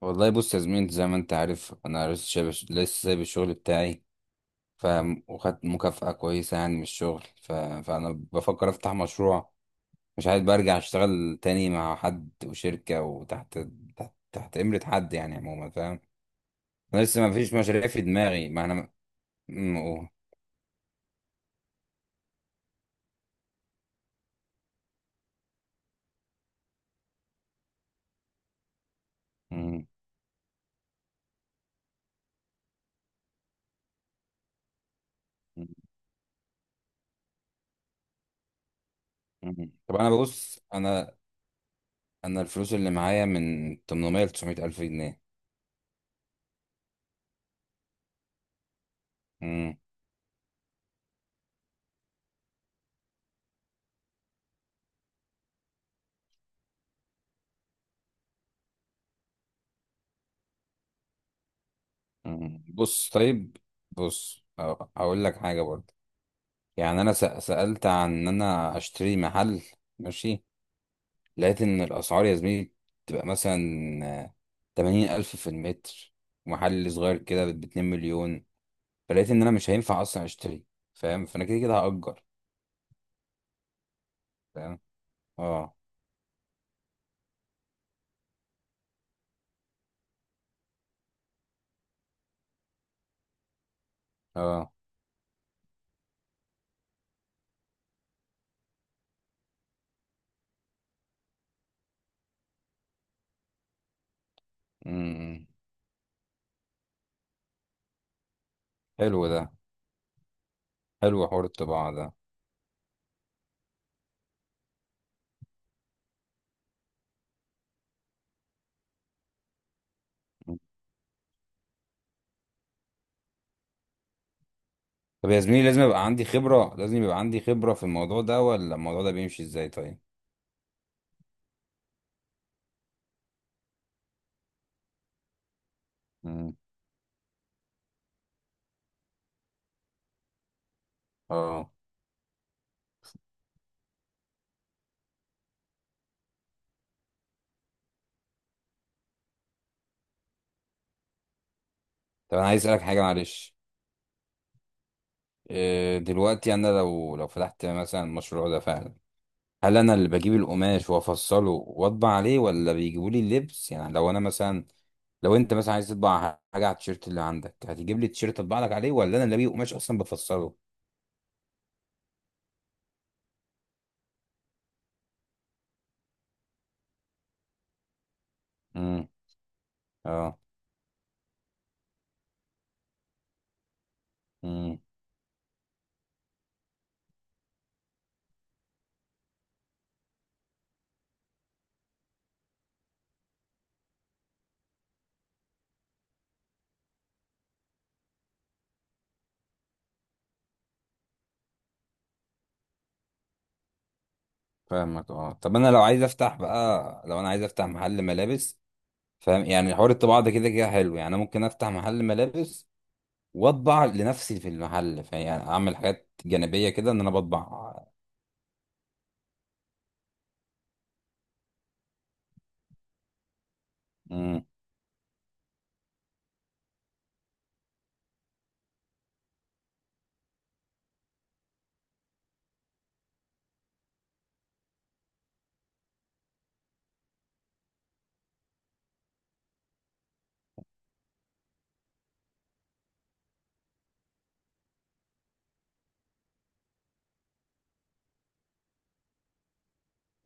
والله، بص يا زميلي، انت زي ما انت عارف انا لسه شايب، لسه سايب الشغل بتاعي. فاهم؟ وخدت مكافأة كويسة يعني من الشغل، فانا بفكر افتح مشروع. مش عايز برجع اشتغل تاني مع حد وشركة وتحت تحت, تحت امرة حد يعني عموما. فاهم؟ انا لسه ما فيش مشاريع في دماغي، ما انا م... أوه. م- م- طب انا ببص، انا الفلوس اللي معايا من 800 ل 900 الف جنيه. م- بص، طيب. بص، هقول لك حاجة برضه. يعني انا سألت عن ان انا اشتري محل. ماشي. لقيت ان الاسعار يا زميلي تبقى مثلا 80 ألف في المتر، محل صغير كده ب2 مليون. فلقيت ان انا مش هينفع اصلا اشتري. فاهم؟ فانا كده كده هأجر. فاهم. اه، اه. امم، إمم. حلو ده. حلو حوار الطباعة ده. طب يا زميلي، لازم يبقى عندي خبرة، لازم يبقى عندي خبرة في الموضوع ده، ولا الموضوع ده بيمشي ازاي؟ طيب. امم. اه. طب انا عايز اسألك حاجة، معلش. دلوقتي انا لو فتحت مثلا المشروع ده فعلا، هل انا اللي بجيب القماش وافصله واطبع عليه، ولا بيجيبوا لي اللبس؟ يعني لو انا مثلا، لو انت مثلا عايز تطبع حاجه على التيشيرت اللي عندك، هتجيب لي التيشيرت اطبع لك عليه، ولا انا اللي بجيب قماش اصلا بفصله؟ امم. اه. امم. فاهمك. اه. طب انا لو عايز افتح بقى، لو انا عايز افتح محل ملابس. فاهم؟ يعني حوار الطباعه ده كده كده حلو. يعني انا ممكن افتح محل ملابس واطبع لنفسي في المحل، فيعني اعمل حاجات جانبيه كده، ان انا بطبع.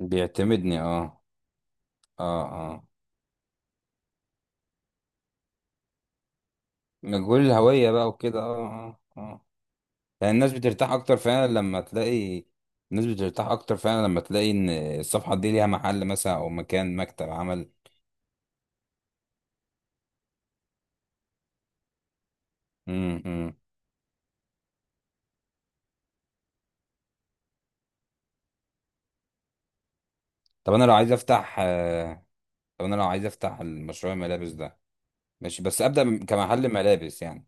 بيعتمدني. اه، اه، اه. مجهول الهوية بقى وكده. اه، اه، اه. يعني الناس بترتاح اكتر فعلا لما تلاقي، الناس بترتاح اكتر فعلا لما تلاقي ان الصفحة دي ليها محل مثلا، او مكان، مكتب عمل. امم، إمم. طب انا لو عايز افتح آه، طب انا لو عايز افتح المشروع الملابس ده، ماشي، بس ابدا كمحل ملابس يعني.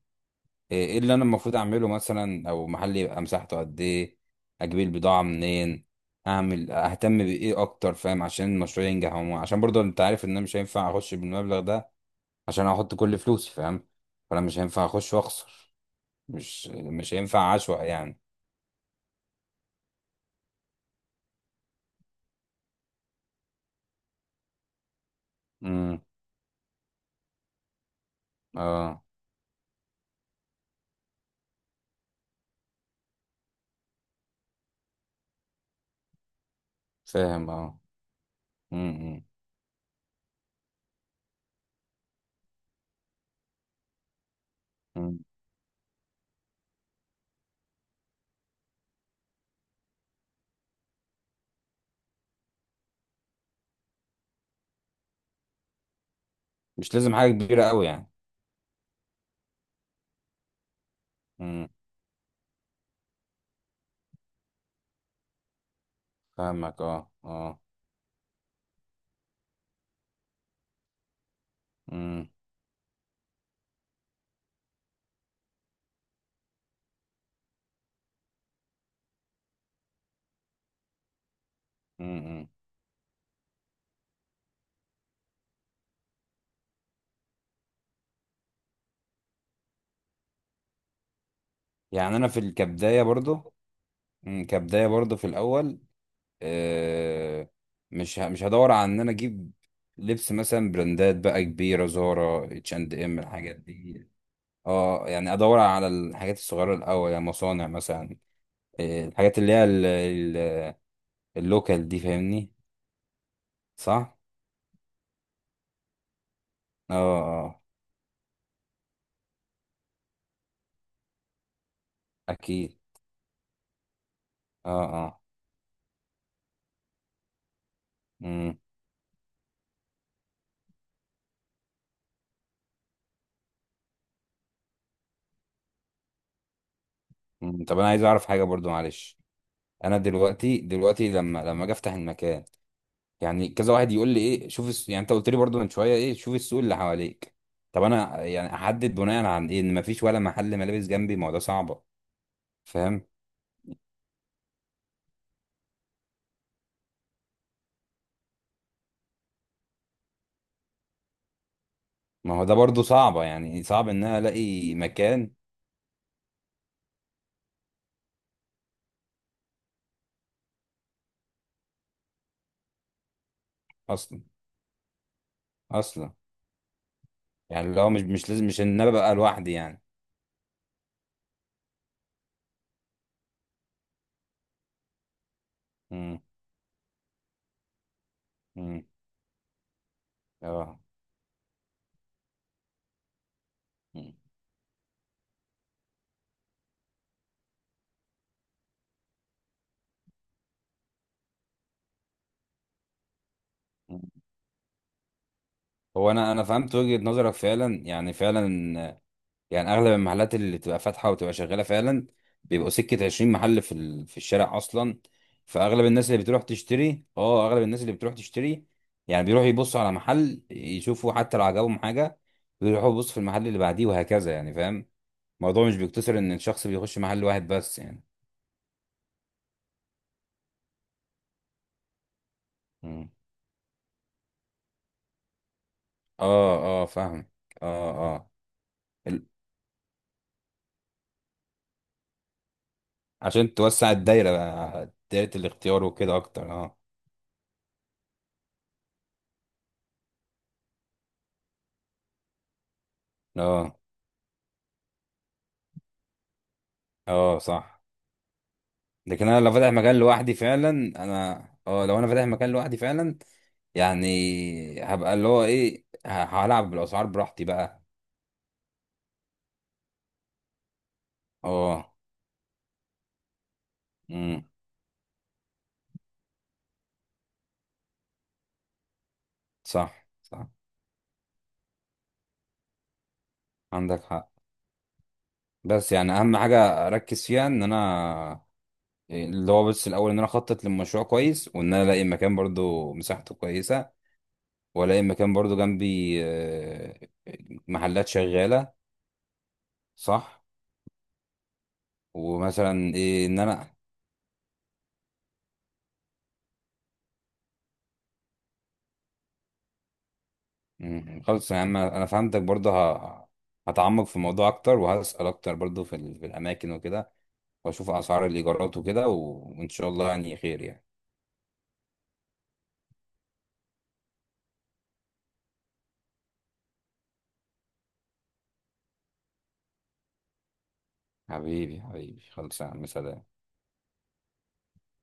إيه اللي انا المفروض اعمله مثلا، او محل يبقى مساحته قد ايه؟ اجيب البضاعه منين؟ اعمل، اهتم بايه اكتر؟ فاهم؟ عشان المشروع ينجح، عشان برضه انت عارف ان انا مش هينفع اخش بالمبلغ ده عشان احط كل فلوسي. فاهم؟ فانا مش هينفع اخش واخسر. مش هينفع عشوائي يعني. امم. اه. فاهم. اه. امم. أمم. مش لازم حاجه كبيره قوي يعني. امم. فاهمك. اه، اه. امم. أمم. يعني انا كبدايه برضه، في الاول. آه، مش هدور على ان انا اجيب لبس مثلا براندات بقى كبيره، زارا، H&M، الحاجات دي. اه. يعني ادور على الحاجات الصغيره الاول، يعني مصانع مثلا. الحاجات اللي هي ال- اللوكال دي. فاهمني؟ صح. اه، اه. اكيد. اه، اه. مم. مم. طب انا عايز اعرف حاجه برضو، معلش. انا دلوقتي لما اجي افتح المكان، يعني كذا واحد يقول لي ايه، شوف يعني انت قلت لي برضو من شويه، ايه، شوف السوق اللي حواليك. طب انا يعني احدد بناء عن ايه ان مفيش ولا محل ملابس جنبي؟ ما هو ده صعبه. فاهم؟ ما هو ده برضو صعبه يعني، صعب ان انا الاقي مكان اصلا اصلا. يعني لو مش لازم مش ان انا ببقى لوحدي يعني. امم، امم. اه. مم. مم. هو انا فهمت وجهه نظرك فعلا يعني، فعلا. يعني اغلب المحلات اللي تبقى فاتحه وتبقى شغاله فعلا، بيبقوا سكه 20 محل في الشارع اصلا. فاغلب الناس اللي بتروح تشتري اه اغلب الناس اللي بتروح تشتري يعني، بيروحوا يبصوا على محل، يشوفوا حتى لو عجبهم حاجه، بيروحوا يبصوا في المحل اللي بعديه وهكذا يعني. فاهم؟ الموضوع مش بيقتصر ان الشخص بيخش محل واحد بس يعني. مم. اه، اه. فاهم. اه، اه. ال- عشان توسع الدايره بقى، دايره الاختيار وكده اكتر. اه. اه، اه. صح. لكن انا لو فاتح مكان لوحدي فعلا انا اه لو انا فاتح مكان لوحدي فعلا، يعني هبقى اللي هو ايه، هلعب بالاسعار براحتي بقى. اه. امم. صح، صح. عندك حق. بس يعني اهم حاجه اركز فيها ان انا، اللي هو بس الاول، ان انا اخطط للمشروع كويس، وان انا الاقي مكان برضو مساحته كويسه. والاقي مكان برضو جنبي محلات شغاله. صح. ومثلا ايه ان انا. مم. خلاص يا عم، انا فهمتك برضه. هتعمق في الموضوع اكتر، وهسأل اكتر برضه في الاماكن وكده، واشوف اسعار الايجارات وكده وان شاء الله يعني خير يعني. حبيبي، حبيبي، خلاص يا عم، سلام.